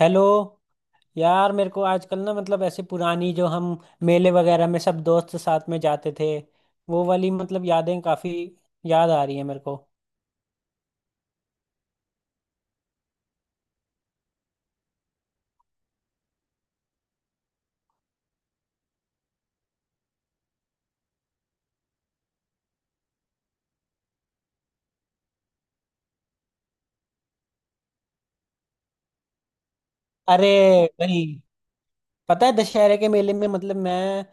Hello. यार, मेरे को आजकल ना मतलब ऐसे पुरानी जो हम मेले वगैरह में सब दोस्त साथ में जाते थे वो वाली मतलब यादें काफी याद आ रही है मेरे को। अरे भाई, पता है दशहरे के मेले में मतलब मैं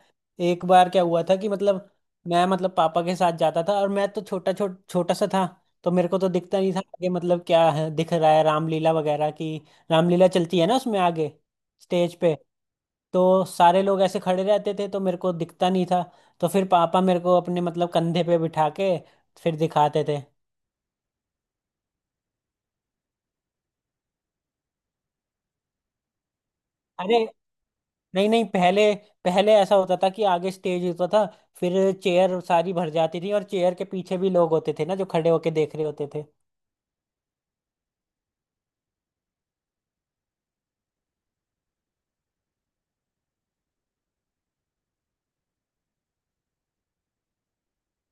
एक बार क्या हुआ था कि मतलब मैं मतलब पापा के साथ जाता था। और मैं तो छोटा छोटा छोटा सा था तो मेरे को तो दिखता नहीं था आगे, मतलब क्या है दिख रहा है, रामलीला वगैरह की। रामलीला चलती है ना उसमें आगे स्टेज पे। तो सारे लोग ऐसे खड़े रहते थे तो मेरे को दिखता नहीं था, तो फिर पापा मेरे को अपने मतलब कंधे पे बिठा के फिर दिखाते थे। अरे, नहीं नहीं, पहले पहले ऐसा होता था कि आगे स्टेज होता था, फिर चेयर सारी भर जाती थी और चेयर के पीछे भी लोग होते थे ना जो खड़े होके देख रहे होते थे।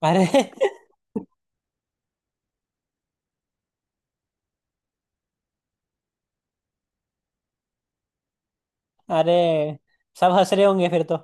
अरे अरे, सब हंस रहे होंगे फिर तो।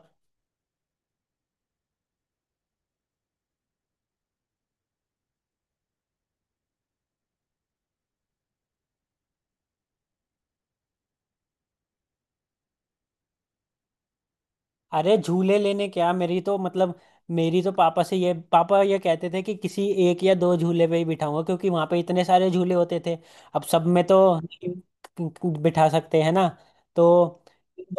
अरे, झूले लेने क्या, मेरी तो मतलब मेरी तो पापा से ये पापा ये कहते थे कि किसी एक या दो झूले पे ही बिठाऊंगा, क्योंकि वहां पे इतने सारे झूले होते थे, अब सब में तो नहीं बिठा सकते हैं ना। तो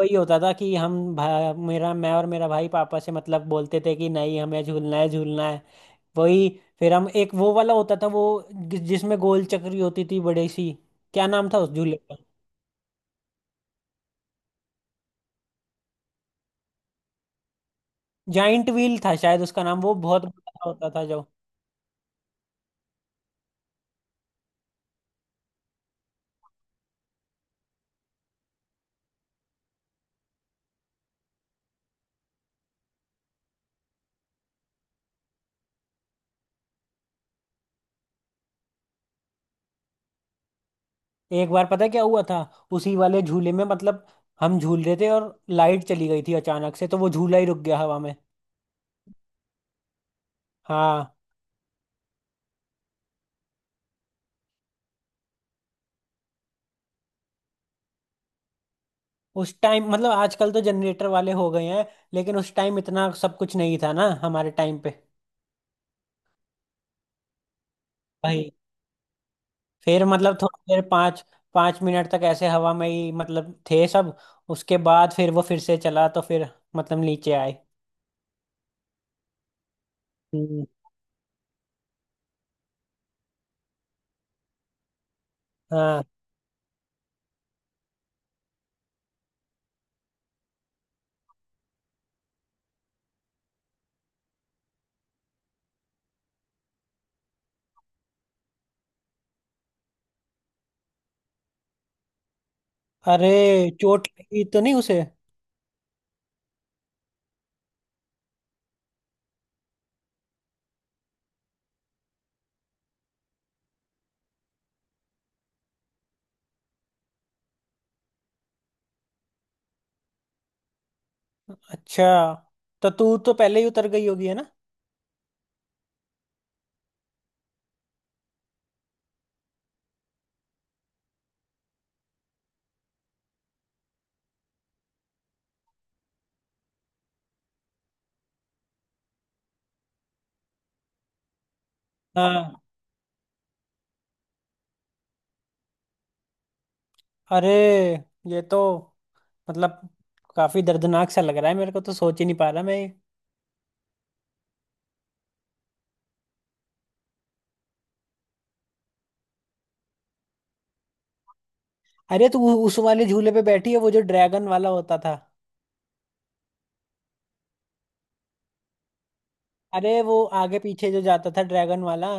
वही होता था कि हम भा, मेरा मैं और मेरा भाई पापा से मतलब बोलते थे कि नहीं हमें झूलना है झूलना है, वही। फिर हम एक वो वाला होता था वो जिसमें गोल चक्री होती थी बड़ी सी, क्या नाम था उस झूले का। जाइंट व्हील था शायद उसका नाम, वो बहुत बड़ा होता था जो। एक बार पता है क्या हुआ था, उसी वाले झूले में मतलब हम झूल रहे थे और लाइट चली गई थी अचानक से, तो वो झूला ही रुक गया हवा में। हाँ, उस टाइम मतलब आजकल तो जनरेटर वाले हो गए हैं, लेकिन उस टाइम इतना सब कुछ नहीं था ना हमारे टाइम पे। भाई फिर मतलब थोड़ी देर पाँच पाँच मिनट तक ऐसे हवा में ही मतलब थे सब, उसके बाद फिर वो फिर से चला तो फिर मतलब नीचे आए। हम्म। हाँ। अरे, चोट लगी तो नहीं उसे? अच्छा, तो तू तो पहले ही उतर गई होगी है ना। हाँ। अरे, ये तो मतलब काफी दर्दनाक सा लग रहा है, मेरे को तो सोच ही नहीं पा रहा मैं। अरे, तू उस वाले झूले पे बैठी है, वो जो ड्रैगन वाला होता था? अरे, वो आगे पीछे जो जाता था ड्रैगन वाला।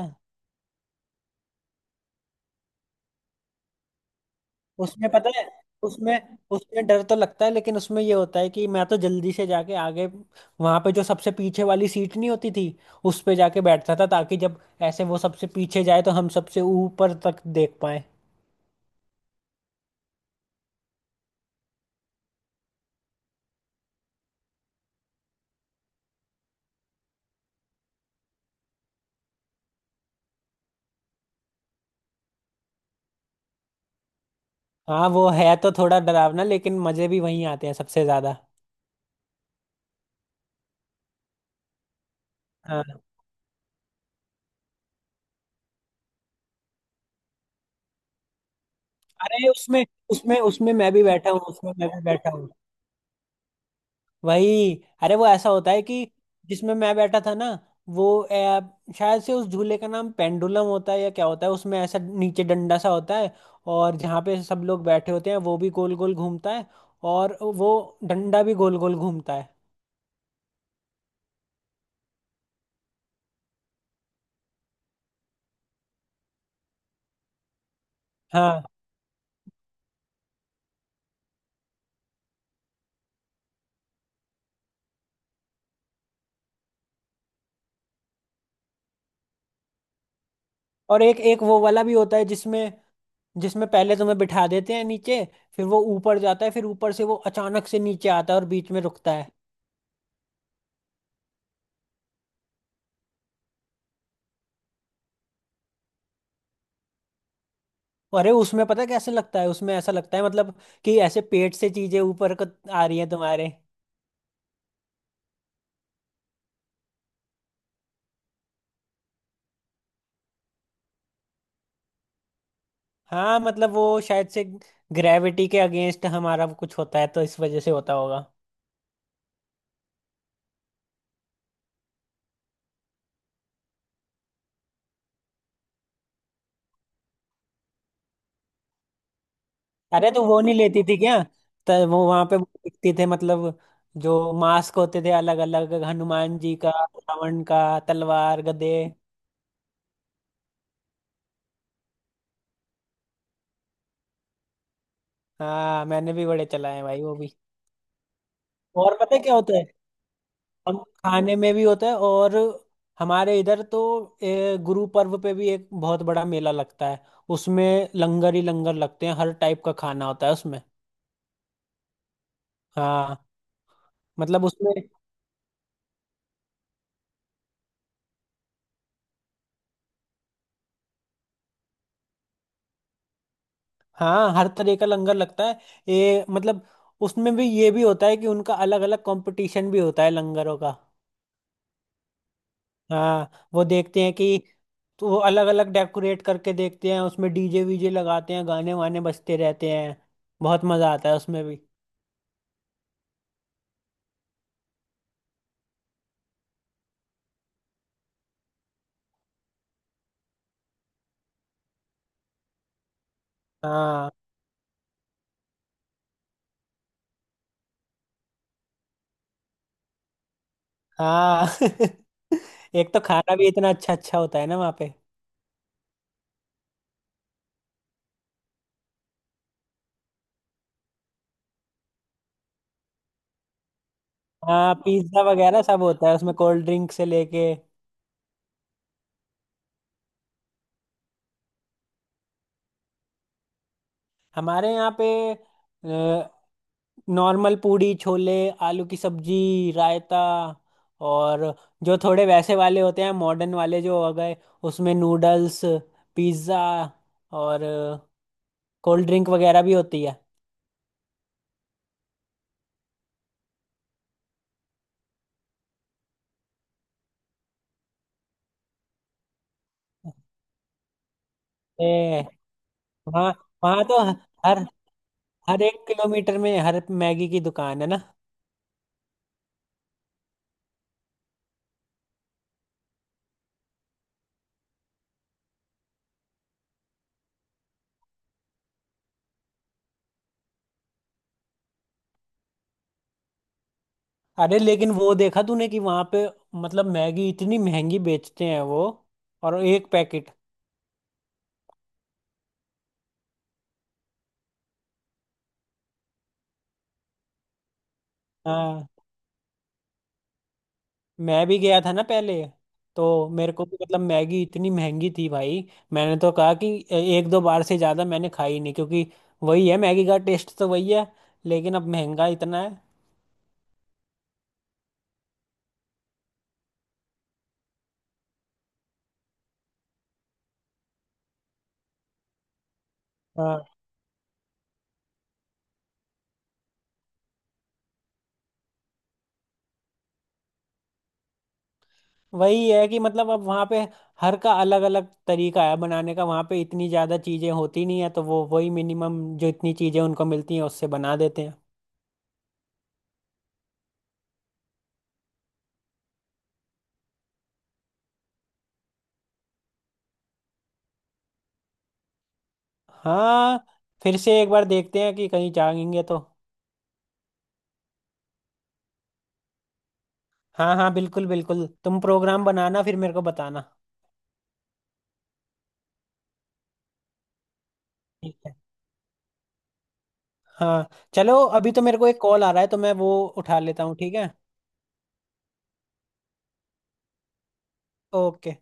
उसमें पता है, उसमें, उसमें डर तो लगता है लेकिन उसमें ये होता है कि मैं तो जल्दी से जाके आगे वहां पे जो सबसे पीछे वाली सीट नहीं होती थी उस पे जाके बैठता था, ताकि जब ऐसे वो सबसे पीछे जाए तो हम सबसे ऊपर तक देख पाए। हाँ, वो है तो थोड़ा डरावना लेकिन मजे भी वहीं आते हैं सबसे ज्यादा। हाँ। अरे, उसमें उसमें उसमें मैं भी बैठा हूँ, उसमें मैं भी बैठा हूँ, वही। अरे, वो ऐसा होता है कि जिसमें मैं बैठा था ना, वो शायद से उस झूले का नाम पेंडुलम होता है या क्या होता है, उसमें ऐसा नीचे डंडा सा होता है, और जहाँ पे सब लोग बैठे होते हैं वो भी गोल गोल घूमता है, और वो डंडा भी गोल गोल घूमता है। हाँ, और एक एक वो वाला भी होता है जिसमें जिसमें पहले तुम्हें बिठा देते हैं नीचे, फिर वो ऊपर जाता है, फिर ऊपर से वो अचानक से नीचे आता है और बीच में रुकता है। अरे, उसमें पता है कैसे लगता है, उसमें ऐसा लगता है मतलब कि ऐसे पेट से चीजें ऊपर आ रही हैं तुम्हारे। हाँ, मतलब वो शायद से ग्रेविटी के अगेंस्ट हमारा कुछ होता है तो इस वजह से होता होगा। अरे, तो वो नहीं लेती थी क्या? तो वो वहां पे दिखते थे मतलब जो मास्क होते थे अलग अलग, हनुमान जी का, रावण का, तलवार, गदे। हाँ, मैंने भी बड़े चलाए हैं भाई वो भी। और पता है क्या होता है, हम खाने में भी होता है, और हमारे इधर तो गुरु पर्व पे भी एक बहुत बड़ा मेला लगता है, उसमें लंगर ही लंगर लगते हैं, हर टाइप का खाना होता है उसमें। हाँ, मतलब उसमें, हाँ, हर तरह का लंगर लगता है, ये मतलब उसमें भी ये भी होता है कि उनका अलग अलग कंपटीशन भी होता है लंगरों का। हाँ, वो देखते हैं कि, तो वो अलग अलग डेकोरेट करके देखते हैं, उसमें डीजे वीजे लगाते हैं, गाने वाने बजते रहते हैं। बहुत मजा आता है उसमें भी। हाँ हाँ एक तो खाना भी इतना अच्छा अच्छा होता है ना वहाँ पे। हाँ, पिज्जा वगैरह सब होता है उसमें, कोल्ड ड्रिंक से लेके। हमारे यहाँ पे नॉर्मल पूड़ी छोले, आलू की सब्जी, रायता, और जो थोड़े वैसे वाले होते हैं मॉडर्न वाले जो हो गए, उसमें नूडल्स, पिज्जा, और कोल्ड ड्रिंक वगैरह भी होती है। ए, वहाँ वहाँ तो हर हर एक किलोमीटर में हर मैगी की दुकान है ना। अरे, लेकिन वो देखा तूने कि वहां पे मतलब मैगी इतनी महंगी बेचते हैं वो, और एक पैकेट। हाँ, मैं भी गया था ना पहले, तो मेरे को भी मतलब मैगी इतनी महंगी थी भाई, मैंने तो कहा कि एक दो बार से ज्यादा मैंने खाई नहीं, क्योंकि वही है मैगी का टेस्ट तो वही है, लेकिन अब महंगा इतना है। हाँ, वही है कि मतलब अब वहाँ पे हर का अलग अलग तरीका है बनाने का, वहाँ पे इतनी ज्यादा चीजें होती नहीं है तो वो वही मिनिमम जो इतनी चीजें उनको मिलती हैं उससे बना देते हैं। हाँ, फिर से एक बार देखते हैं कि कहीं जाएंगे तो। हाँ हाँ, बिल्कुल बिल्कुल, तुम प्रोग्राम बनाना फिर मेरे को बताना। ठीक है। हाँ, चलो अभी तो मेरे को एक कॉल आ रहा है तो मैं वो उठा लेता हूँ, ठीक है। ओके।